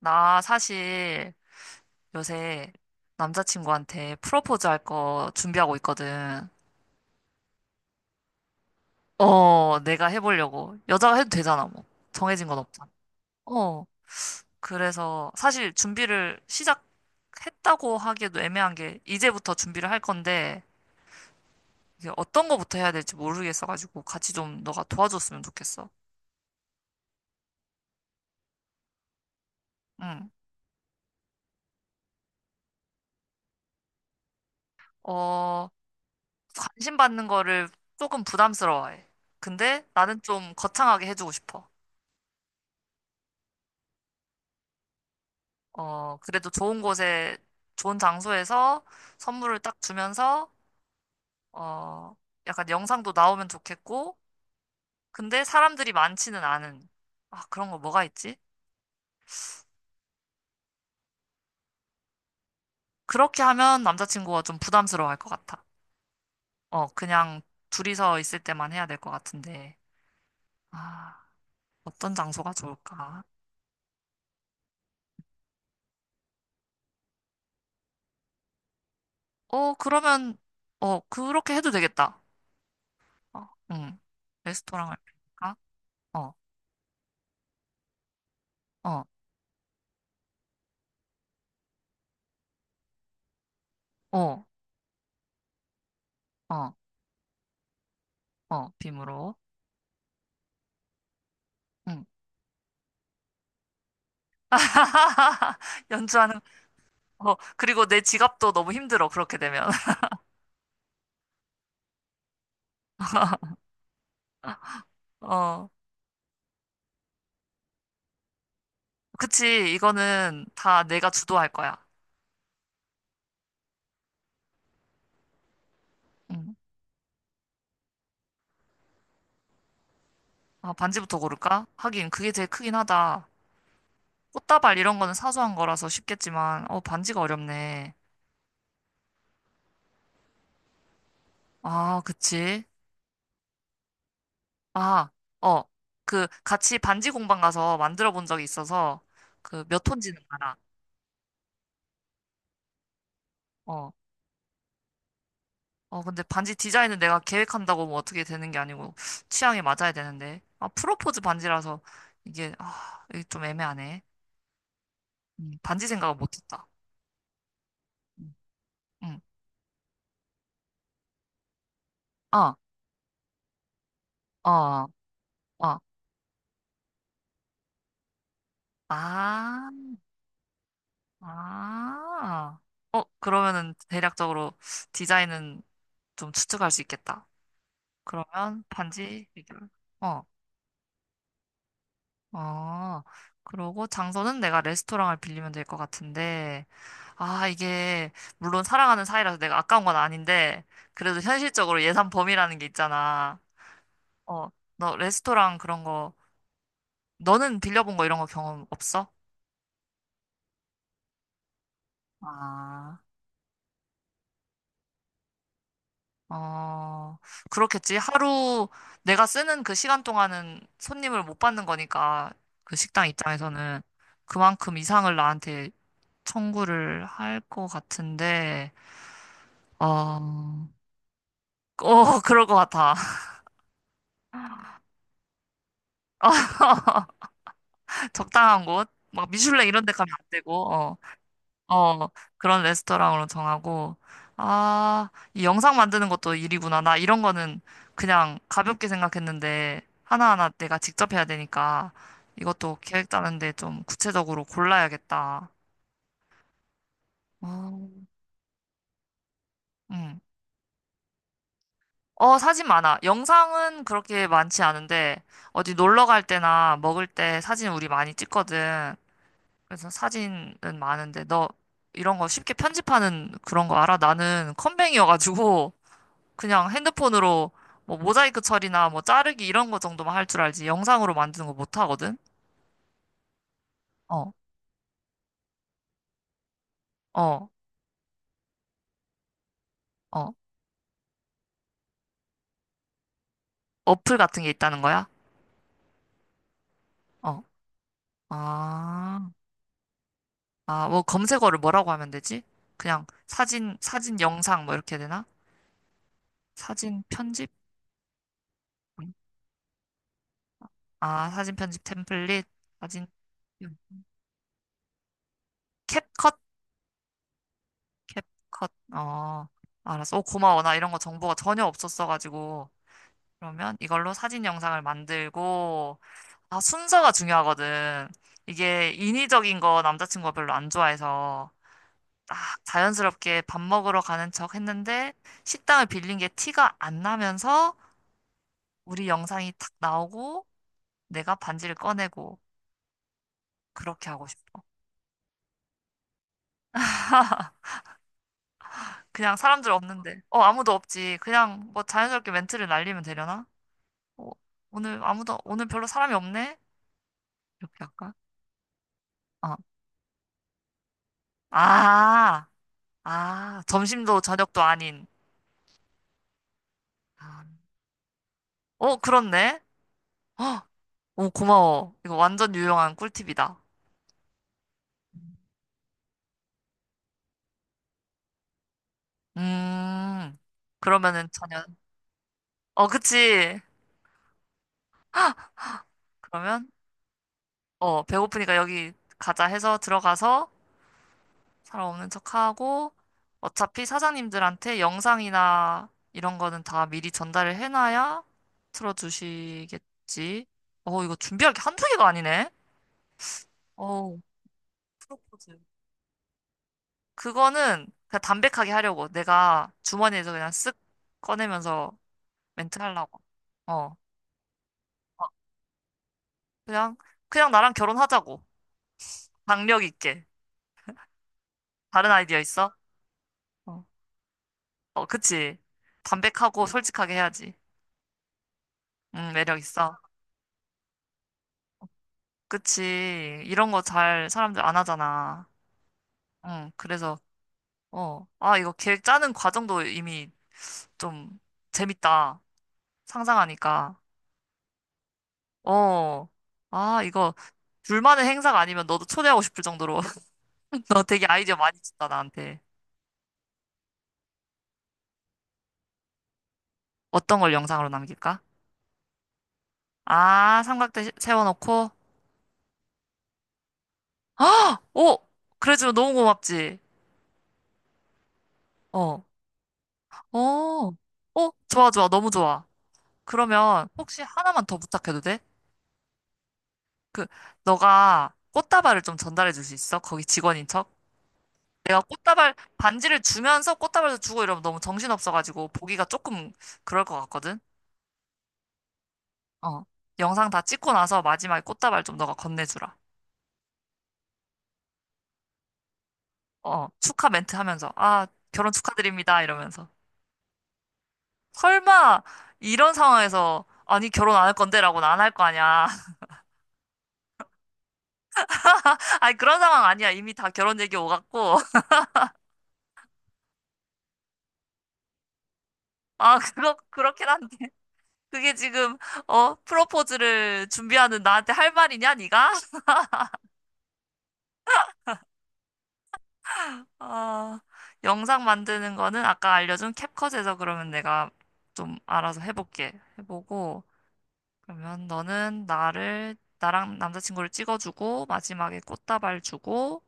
나 사실 요새 남자친구한테 프로포즈 할 거 준비하고 있거든. 어, 내가 해보려고. 여자가 해도 되잖아, 뭐. 정해진 건 없잖아. 어, 그래서 사실 준비를 시작했다고 하기에도 애매한 게 이제부터 준비를 할 건데 이게 어떤 거부터 해야 될지 모르겠어가지고 같이 좀 너가 도와줬으면 좋겠어. 응. 어, 관심 받는 거를 조금 부담스러워해. 근데 나는 좀 거창하게 해주고 싶어. 어, 그래도 좋은 곳에, 좋은 장소에서 선물을 딱 주면서, 어, 약간 영상도 나오면 좋겠고, 근데 사람들이 많지는 않은, 아, 그런 거 뭐가 있지? 그렇게 하면 남자친구가 좀 부담스러워할 것 같아. 어, 그냥 둘이서 있을 때만 해야 될 것 같은데, 아, 어떤 장소가 좋을까? 어, 그러면, 그렇게 해도 되겠다. 어, 응. 레스토랑을 빌릴까? 어, 어, 어, 어, 어, 빔으로. 응. 연주하는 거. 그리고 내 지갑도 너무 힘들어, 그렇게 되면. 어, 그치. 이거는 다 내가 주도할 거야. 응. 아, 반지부터 고를까? 하긴, 그게 제일 크긴 하다. 꽃다발 이런 거는 사소한 거라서 쉽겠지만, 반지가 어렵네. 아, 그치. 아, 어, 그, 같이 반지 공방 가서 만들어 본 적이 있어서, 그, 몇 톤지는 알아. 어, 어, 근데 반지 디자인은 내가 계획한다고 뭐 어떻게 되는 게 아니고 취향에 맞아야 되는데. 아, 프로포즈 반지라서 이게 좀 애매하네. 반지 생각을 못했다. 음, 음. 어, 어, 어. 아, 아. 어, 그러면은 대략적으로 디자인은 좀 추측할 수 있겠다. 그러면 반지 해결. 어, 어. 그러고 장소는 내가 레스토랑을 빌리면 될 것 같은데. 아, 이게, 물론 사랑하는 사이라서 내가 아까운 건 아닌데, 그래도 현실적으로 예산 범위라는 게 있잖아. 어, 너 레스토랑 그런 거, 너는 빌려본 거 이런 거 경험 없어? 아, 어, 그렇겠지. 하루 내가 쓰는 그 시간 동안은 손님을 못 받는 거니까, 그 식당 입장에서는 그만큼 이상을 나한테 청구를 할 것 같은데, 어, 어, 그럴 것 같아. 적당한 곳, 막 미슐랭 이런 데 가면 안 되고, 어, 어, 그런 레스토랑으로 정하고, 아, 이 영상 만드는 것도 일이구나. 나 이런 거는 그냥 가볍게 생각했는데, 하나하나 내가 직접 해야 되니까, 이것도 계획 짜는데 좀 구체적으로 골라야겠다. 어, 음. 어, 사진 많아. 영상은 그렇게 많지 않은데, 어디 놀러 갈 때나 먹을 때 사진 우리 많이 찍거든. 그래서 사진은 많은데 너 이런 거 쉽게 편집하는 그런 거 알아? 나는 컴맹이어가지고 그냥 핸드폰으로 뭐 모자이크 처리나 뭐 자르기 이런 거 정도만 할 줄 알지 영상으로 만드는 거 못 하거든? 어, 어, 어. 어플 같은 게 있다는 거야? 어. 아, 아, 뭐 검색어를 뭐라고 하면 되지? 그냥 사진, 사진 영상 뭐 이렇게 되나? 사진 편집? 아, 사진 편집 템플릿, 사진 캡컷 캡컷. 어, 알았어. 오, 고마워. 나 이런 거 정보가 전혀 없었어가지고. 그러면 이걸로 사진 영상을 만들고, 아, 순서가 중요하거든. 이게 인위적인 거 남자친구가 별로 안 좋아해서 딱 자연스럽게 밥 먹으러 가는 척 했는데 식당을 빌린 게 티가 안 나면서 우리 영상이 탁 나오고 내가 반지를 꺼내고 그렇게 하고 싶어. 그냥 사람들 없는데. 어, 아무도 없지. 그냥 뭐 자연스럽게 멘트를 날리면 되려나? 어, 오늘 아무도, 오늘 별로 사람이 없네? 이렇게 할까? 어. 아, 아, 점심도 저녁도 아닌. 아, 어, 그렇네? 어, 오, 고마워. 이거 완전 유용한 꿀팁이다. 음, 그러면은 저녁, 어, 그치. 그러면, 배고프니까 여기 가자 해서 들어가서 사람 없는 척하고 어차피 사장님들한테 영상이나 이런 거는 다 미리 전달을 해놔야 틀어주시겠지. 어, 이거 준비할 게 한두 개가 아니네. 어, 프로포즈. 그거는 그냥 담백하게 하려고. 내가 주머니에서 그냥 쓱 꺼내면서 멘트 하려고. 어, 그냥, 그냥 나랑 결혼하자고. 강력 있게. 다른 아이디어 있어? 어, 어, 그치. 담백하고 솔직하게 해야지. 매력 있어. 그치. 이런 거 잘 사람들 안 하잖아. 응, 그래서, 어. 아, 이거 계획 짜는 과정도 이미 좀 재밌다. 상상하니까. 어. 아, 이거 둘만의 행사가 아니면 너도 초대하고 싶을 정도로. 너 되게 아이디어 많이 준다, 나한테. 어떤 걸 영상으로 남길까? 아, 삼각대 세워놓고. 아! 오! 그래주면 너무 고맙지. 어. 어. 어, 좋아, 좋아. 너무 좋아. 그러면 혹시 하나만 더 부탁해도 돼? 그, 너가 꽃다발을 좀 전달해 줄 수 있어? 거기 직원인 척? 내가 꽃다발, 반지를 주면서 꽃다발도 주고 이러면 너무 정신없어가지고 보기가 조금 그럴 것 같거든? 어. 영상 다 찍고 나서 마지막에 꽃다발 좀 너가 건네주라. 어. 축하 멘트 하면서, 아, 결혼 축하드립니다. 이러면서. 설마, 이런 상황에서, 아니, 결혼 안 할 건데 라고는 안 할 거 아니야. 아니, 그런 상황 아니야. 이미 다 결혼 얘기 오갔고. 아, 그거, 그렇긴 한데. 그게 지금 프로포즈를 준비하는 나한테 할 말이냐 네가? 아, 영상 만드는 거는 아까 알려준 캡컷에서 그러면 내가 좀 알아서 해볼게. 해보고 그러면 너는 나를 나랑 남자친구를 찍어주고 마지막에 꽃다발 주고,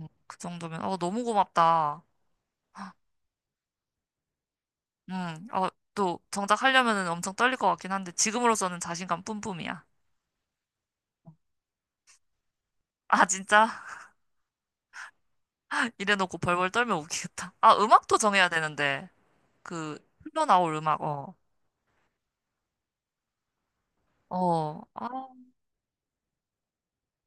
그 정도면 너무 고맙다. 음어또 정작 하려면은 엄청 떨릴 것 같긴 한데 지금으로서는 자신감 뿜뿜이야. 아, 진짜. 이래놓고 벌벌 떨면 웃기겠다. 아, 음악도 정해야 되는데 그 흘러나올 음악, 어. 어, 아,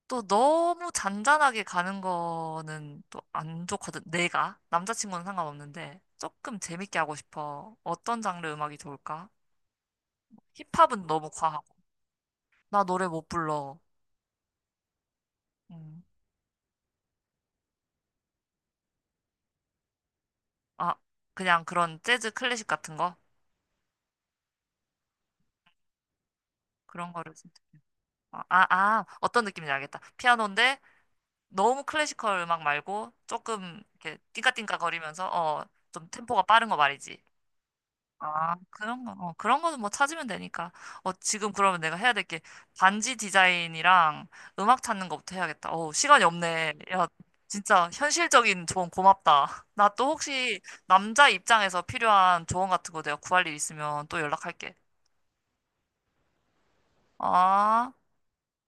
또 너무 잔잔하게 가는 거는 또 안 좋거든. 내가 남자친구는 상관없는데 조금 재밌게 하고 싶어. 어떤 장르 음악이 좋을까? 힙합은 너무 과하고. 나 노래 못 불러. 음. 아, 그냥 그런 재즈 클래식 같은 거, 그런 거를 진짜. 아, 아, 아, 어떤 느낌인지 알겠다. 피아노인데 너무 클래시컬 음악 말고 조금 이렇게 띵까띵까 거리면서, 어, 좀 템포가 빠른 거 말이지. 아, 그런 거, 그런 거는 뭐 찾으면 되니까. 어, 지금 그러면 내가 해야 될게 반지 디자인이랑 음악 찾는 것부터 해야겠다. 어, 시간이 없네. 야, 진짜 현실적인 조언 고맙다. 나 또 혹시 남자 입장에서 필요한 조언 같은 거 내가 구할 일 있으면 또 연락할게. 아.